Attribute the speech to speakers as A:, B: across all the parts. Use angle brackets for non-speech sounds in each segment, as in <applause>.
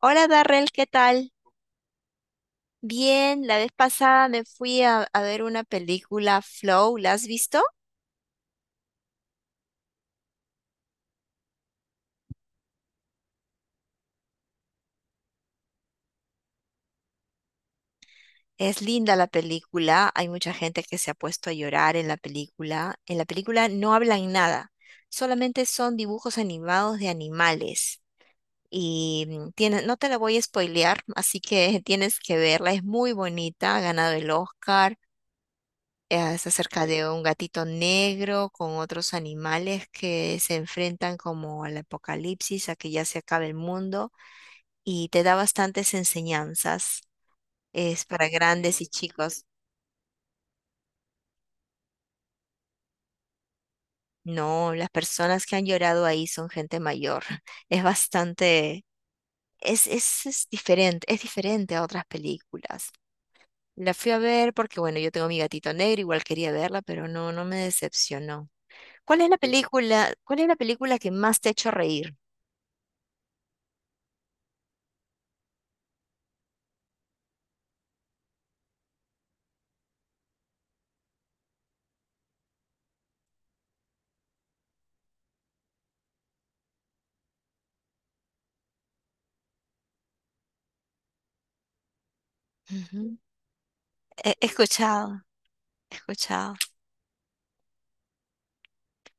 A: Hola Darrell, ¿qué tal? Bien, la vez pasada me fui a ver una película Flow, ¿la has visto? Es linda la película, hay mucha gente que se ha puesto a llorar en la película. En la película no hablan nada, solamente son dibujos animados de animales. Y no te la voy a spoilear, así que <laughs> tienes que verla, es muy bonita, ha ganado el Oscar. Es acerca de un gatito negro con otros animales que se enfrentan como al apocalipsis, a que ya se acabe el mundo, y te da bastantes enseñanzas. Es para grandes y chicos. No, las personas que han llorado ahí son gente mayor. <laughs> Es bastante, es diferente, es diferente a otras películas. La fui a ver porque, bueno, yo tengo mi gatito negro, igual quería verla, pero no, no me decepcionó. ¿Cuál es la película, cuál es la película que más te ha hecho reír? Ujú. He escuchado, he escuchado.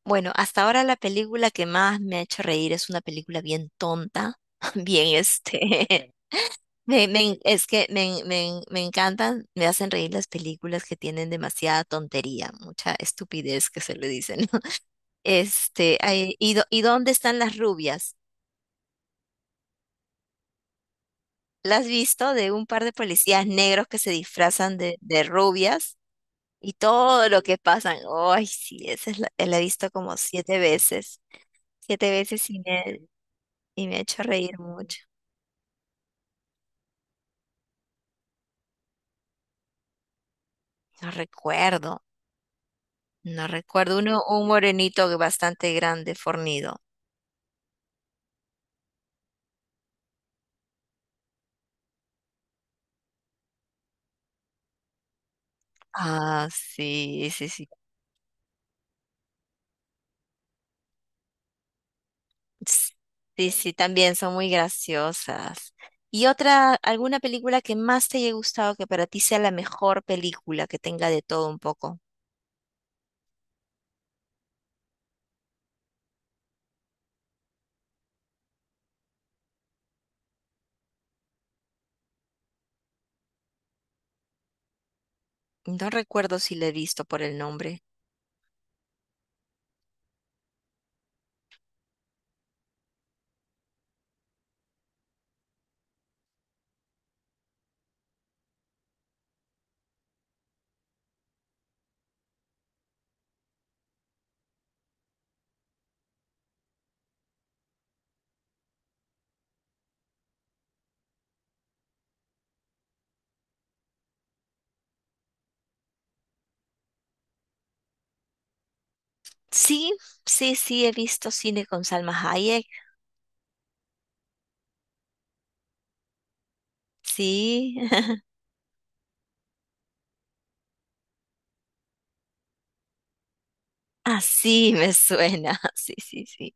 A: Bueno, hasta ahora la película que más me ha hecho reír es una película bien tonta, <laughs> bien este. <laughs> Me en- es que me, en- me, en- me encantan, me hacen reír las películas que tienen demasiada tontería, mucha estupidez que se le dicen. <laughs> Este, ay, ¿y dónde están las rubias? ¿La has visto de un par de policías negros que se disfrazan de rubias y todo lo que pasan? Ay, sí, esa es la he visto como 7 veces, siete veces y me ha hecho reír mucho. No recuerdo, no recuerdo. Uno, un morenito bastante grande, fornido. Ah, sí, sí, sí. Ts- Sí, sí, también son muy graciosas. ¿Y otra, alguna película que más te haya gustado que para ti sea la mejor película que tenga de todo un poco? No recuerdo si la he visto por el nombre. Sí, sí, sí, he visto cine con Salma Hayek. Sí, <laughs> así me suena. <laughs> Sí, sí, sí.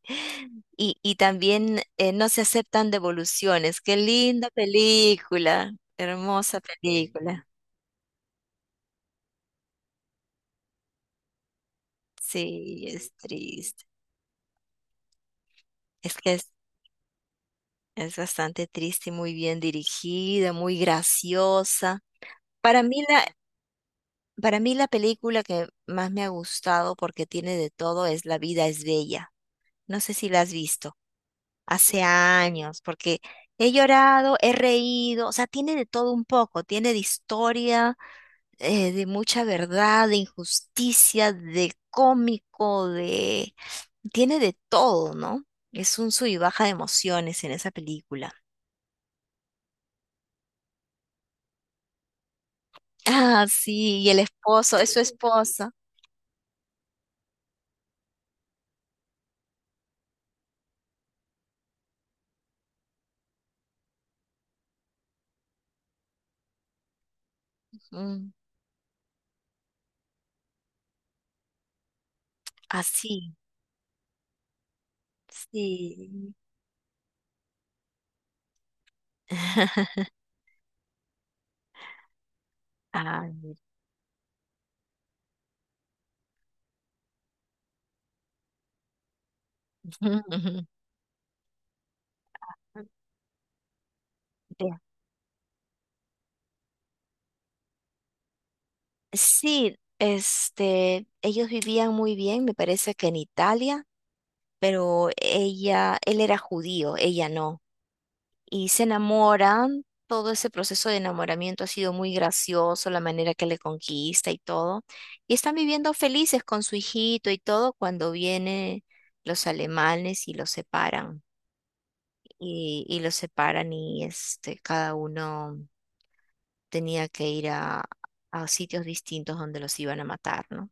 A: Y también No se aceptan devoluciones. Qué linda película. Hermosa película. Sí, es triste. Es que es bastante triste y muy bien dirigida, muy graciosa. Para mí la, para mí la película que más me ha gustado porque tiene de todo es La vida es bella. No sé si la has visto. Hace años, porque he llorado, he reído, o sea, tiene de todo un poco, tiene de historia, de mucha verdad, de injusticia, de cómico, de... Tiene de todo, ¿no? Es un sub y baja de emociones en esa película. <laughs> Ah, sí, y el esposo, es su esposa. Mm, así, sí. <laughs> Ah, <laughs> sí, este, ellos vivían muy bien, me parece que en Italia, pero ella, él era judío, ella no. Y se enamoran, todo ese proceso de enamoramiento ha sido muy gracioso, la manera que le conquista y todo. Y están viviendo felices con su hijito y todo cuando vienen los alemanes y los separan. Y los separan y este, cada uno tenía que ir a sitios distintos donde los iban a matar, ¿no?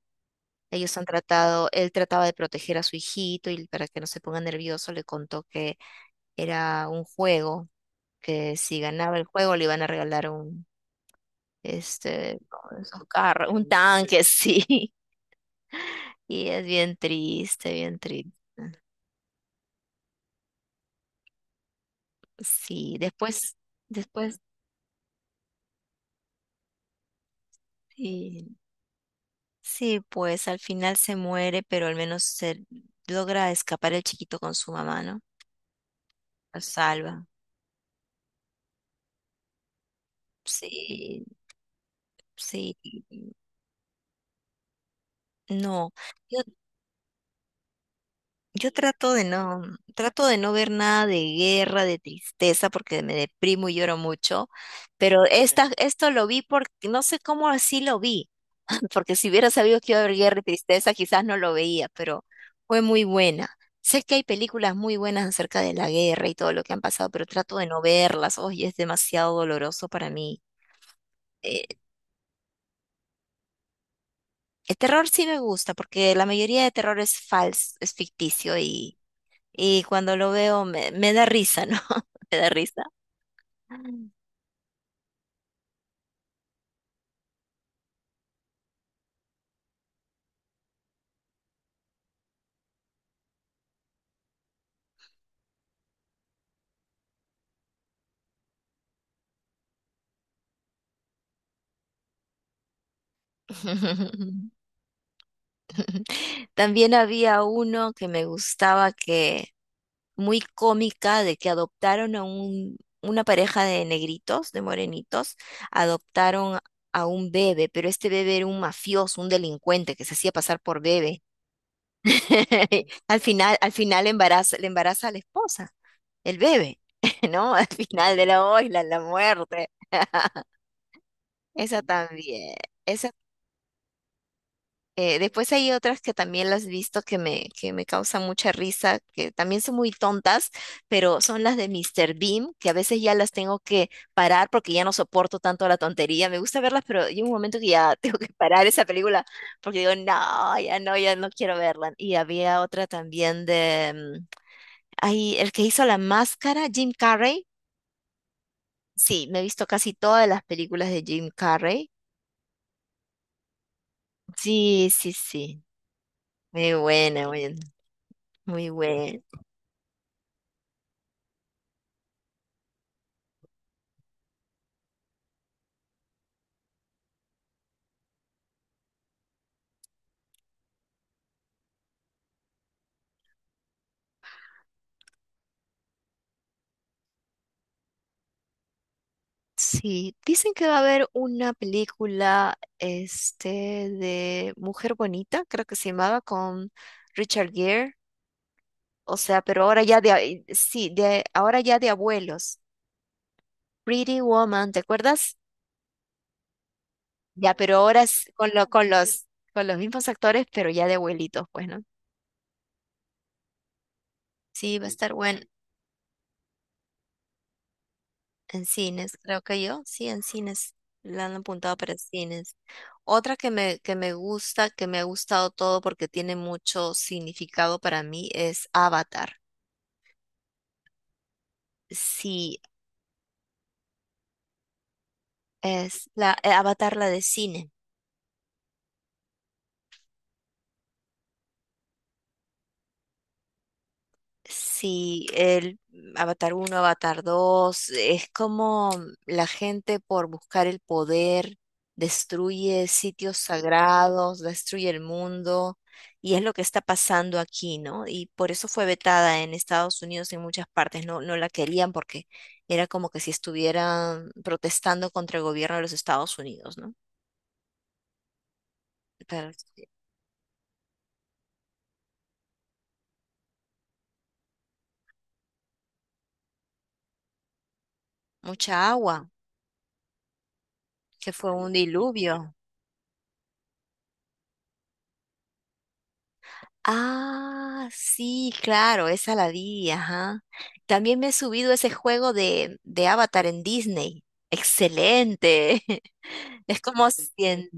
A: Ellos han tratado, él trataba de proteger a su hijito y para que no se ponga nervioso le contó que era un juego, que si ganaba el juego le iban a regalar como esos carros, un tanque, sí. <laughs> Y es bien triste, bien triste. Sí, después, después, sí, sí, pues al final se muere, pero al menos se logra escapar el chiquito con su mamá, ¿no? Lo salva. Sí, sí. No. yo, Yo trato de no ver nada de guerra, de tristeza, porque me deprimo y lloro mucho. Pero esta, esto lo vi porque no sé cómo así lo vi, <laughs> porque si hubiera sabido que iba a haber guerra y tristeza, quizás no lo veía, pero fue muy buena. Sé que hay películas muy buenas acerca de la guerra y todo lo que han pasado, pero trato de no verlas. Oye, es demasiado doloroso para mí. Eh, el terror sí me gusta, porque la mayoría de terror es falso, es ficticio y cuando lo veo me, me da risa, ¿no? <laughs> Me da risa. <laughs> También había uno que me gustaba que, muy cómica, de que adoptaron a una pareja de negritos, de morenitos, adoptaron a un bebé, pero este bebé era un mafioso, un delincuente que se hacía pasar por bebé. <laughs> Al final embaraza, le embaraza a la esposa, el bebé, <laughs> ¿no? Al final de la ola, la muerte. <laughs> Esa también, esa después hay otras que también las he visto que me causan mucha risa, que también son muy tontas, pero son las de Mr. Bean, que a veces ya las tengo que parar porque ya no soporto tanto la tontería. Me gusta verlas, pero hay un momento que ya <laughs> tengo que parar esa película porque digo, no, ya no quiero verla. Y había otra también de el que hizo la máscara, Jim Carrey. Sí, me he visto casi todas las películas de Jim Carrey. Sí, sí, sí. Muy buena, muy buena. Sí, dicen que va a haber una película este de Mujer Bonita, creo que se llamaba, con Richard Gere, o sea, pero ahora ya sí, de ahora ya de abuelos. Pretty Woman, ¿te acuerdas? Ya, pero ahora es con los con los mismos actores, pero ya de abuelitos, pues, ¿no? Sí, va a estar bueno en cines, creo que yo, sí, en cines. La han apuntado para cines. Otra que me gusta, que me ha gustado todo porque tiene mucho significado para mí es Avatar. Sí, es la Avatar la de cine. Sí, el Avatar uno, Avatar dos, es como la gente por buscar el poder destruye sitios sagrados, destruye el mundo, y es lo que está pasando aquí, ¿no? Y por eso fue vetada en Estados Unidos y en muchas partes, no, no la querían porque era como que si estuvieran protestando contra el gobierno de los Estados Unidos, ¿no? Pero, sí, mucha agua, que fue un diluvio. Ah, sí, claro, esa la vi, ajá. También me he subido ese juego de Avatar en Disney. Excelente. <laughs> Es como si en-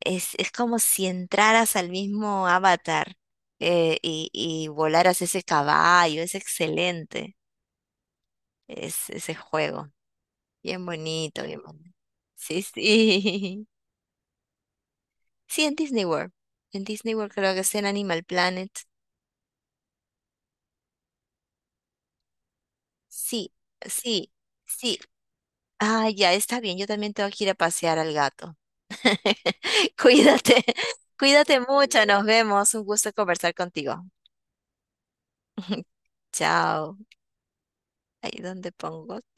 A: es como si entraras al mismo Avatar y volaras ese caballo. Es excelente es, ese juego. Bien bonito, bien bonito. Sí, sí. <laughs> Sí, en Disney World. En Disney World creo que es en Animal Planet. Sí, sí, sí. Ah, ya está bien, yo también tengo que ir a pasear al gato. <laughs> Cuídate, <laughs> cuídate mucho, nos vemos. Un gusto conversar contigo. <laughs> Chao. Ahí donde pongo.